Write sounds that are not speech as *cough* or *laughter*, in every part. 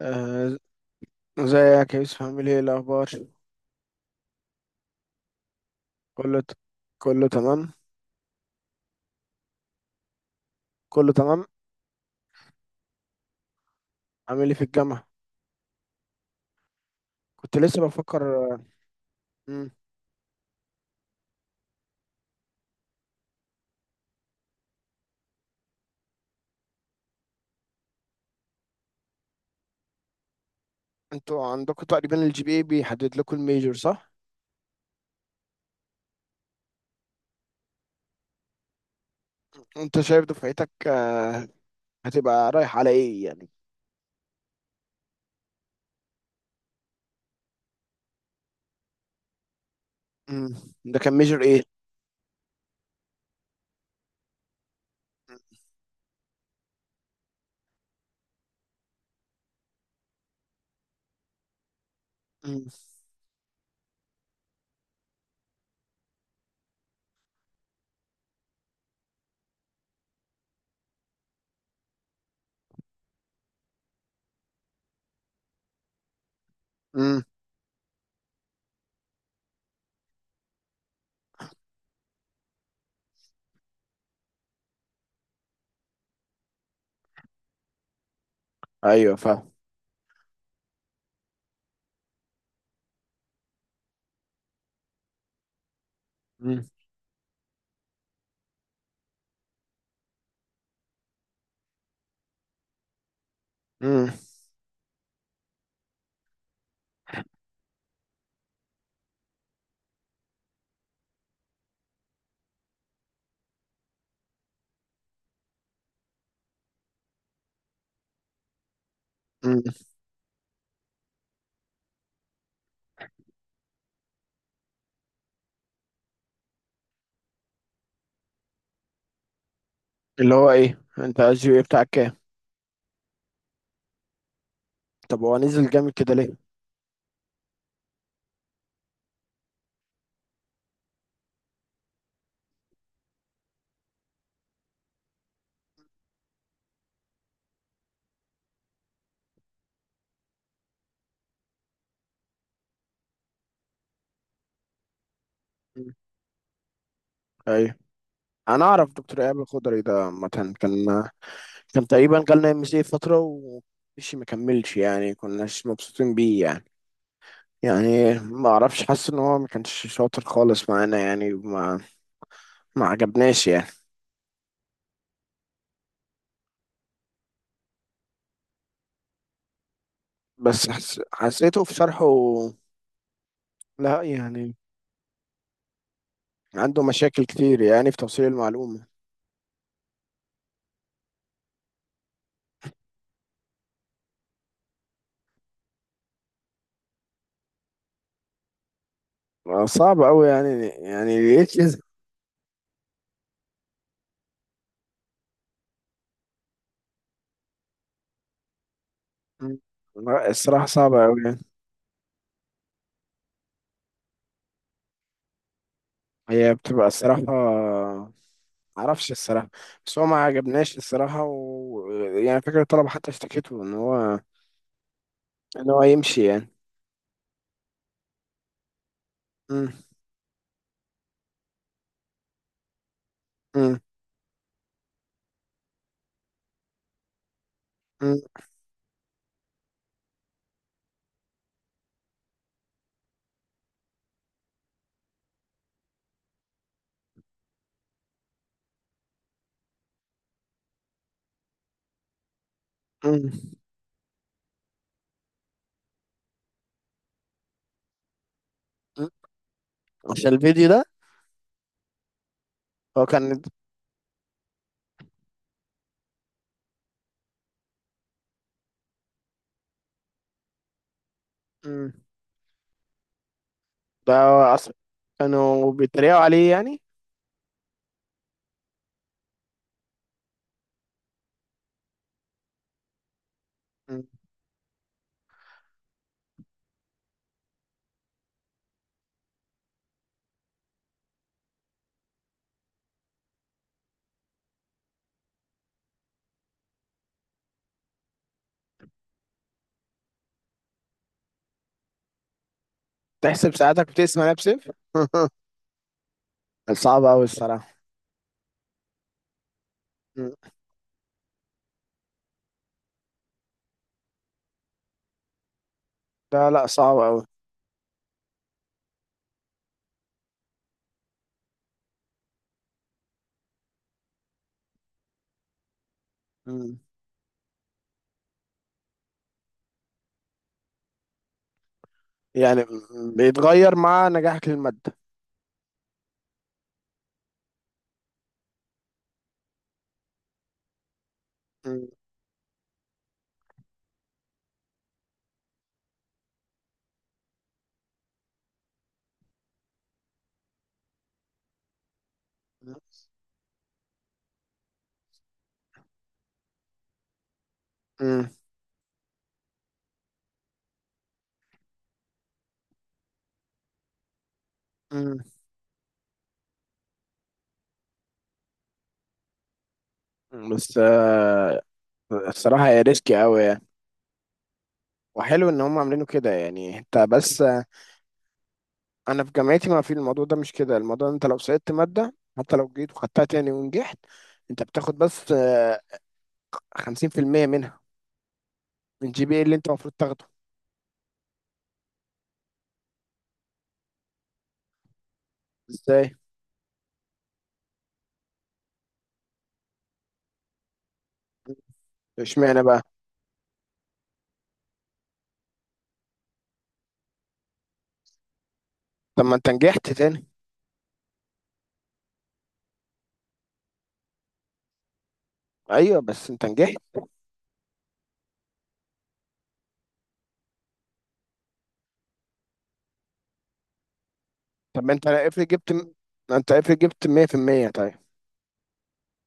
آه، ازيك يا يوسف، عامل ايه الاخبار؟ كله ت... كله تمام، كله تمام. عامل ايه في الجامعه؟ كنت لسه بفكر. مم. انتوا عندكم تقريبا الجي بي اي بيحدد لكم الميجور، صح؟ انت شايف دفعتك هتبقى رايح على ايه يعني؟ مم. ده كان ميجور ايه؟ مم. مم. ايوه، فاهم. مم. مم. مم. اللي هو ايه، انت الجي بي اي بتاعك كام؟ طب هو نزل جامد كده ليه؟ مم. ايوه، انا اعرف دكتور ايهاب الخضري ده. عامه كان تقريبا جالنا ام سي فتره ومشي، ما كملش يعني، كناش مبسوطين بيه يعني. يعني ما اعرفش، حاسس ان هو ما كانش شاطر خالص معانا يعني، ما عجبناش يعني. بس حسيته في شرحه. لا يعني. عنده مشاكل كتير يعني في توصيل المعلومة. صعب قوي يعني ليه كده؟ مم. لا، الصراحة صعبة قوي يعني. هي بتبقى الصراحة، معرفش الصراحة. بس هو ما عجبناش الصراحة. يعني فكرة الطلبة حتى اشتكته ان هو يمشي يعني. م- م- م- م- م. عشان الفيديو ده هو كان. مم. ده أصلا كانوا بيتريقوا عليه يعني. مم. تحسب ساعاتك بتقسم نفسك. *laughs* صعب أوي الصراحة. مم. لا لا، صعب أوي. مم. يعني بيتغير مع نجاحك للمادة. مم. مم. مم. مم. بس الصراحة هي ريسكي أوي يعني. وحلو إن هم عاملينه كده يعني. أنت بس أنا في جامعتي ما في الموضوع ده، مش كده الموضوع. أنت لو سقطت مادة حتى لو جيت وخدتها تاني ونجحت، أنت بتاخد بس 50% منها، من جي بي إيه اللي انت المفروض تاخده. ازاي؟ اشمعنى بقى؟ طب ما انت نجحت تاني. ايوه، بس انت نجحت. طب ما انت افرض جبت، 100% طيب.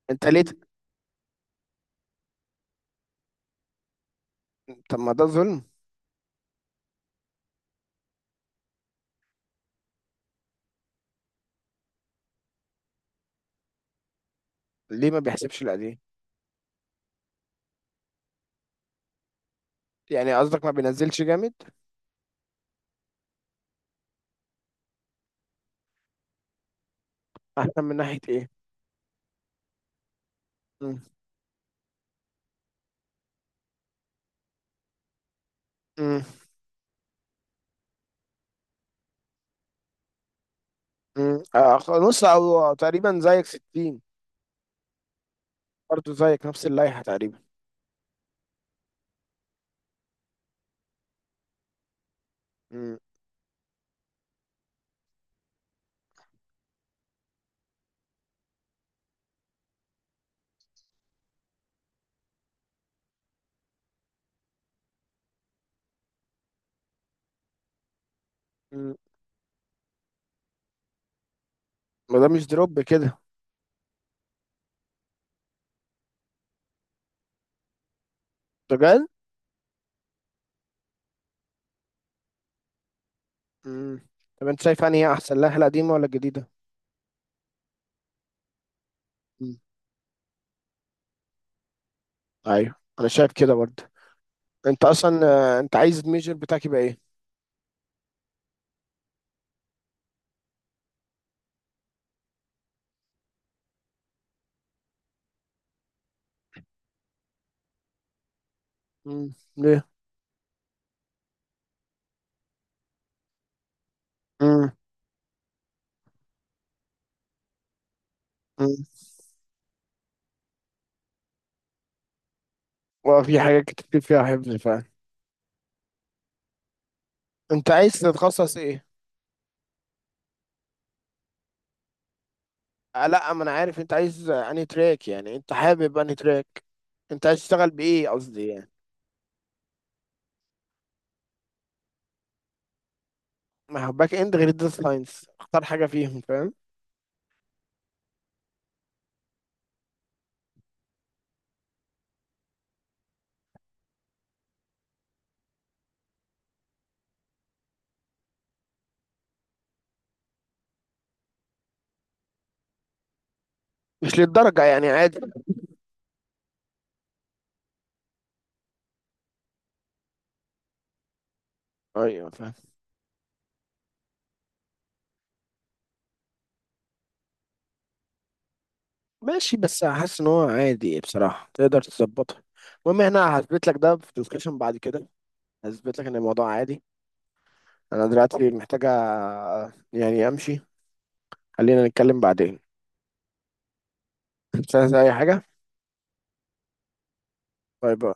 انت ليه ت- طب ما ده ظلم! ليه ما بيحسبش القديم؟ يعني قصدك ما بينزلش جامد؟ احسن من ناحية ايه؟ مم. مم. مم. نص او تقريبا زيك 60. برضه زيك نفس اللائحة تقريبا. مم. مم. ما ده مش دروب كده. بجد؟ مم. طب انت شايف انهي احسن، اللائحة القديمة ولا الجديدة؟ ايوه، انا شايف كده برضه. انت اصلا آه، انت عايز الميجر بتاعك يبقى ايه؟ مم. ليه؟ مم. مم. وفي حاجات كتير فيها حفظ فعلا. انت عايز تتخصص ايه؟ آه لا، ما انا عارف. انت عايز انهي تراك يعني، انت حابب انهي تراك؟ انت عايز تشتغل بايه، قصدي يعني؟ ما هو باك اند غير الداتا ساينس، اختار حاجه فيهم، فاهم؟ مش للدرجه يعني، عادي. ايوه، فاهم. ماشي، بس حاسس ان هو عادي بصراحه، تقدر تظبطها. المهم، احنا هثبت لك ده في ديسكشن بعد كده. هثبت لك ان الموضوع عادي. انا دلوقتي محتاجة يعني امشي. خلينا نتكلم بعدين. مش عايز اي حاجة. باي باي.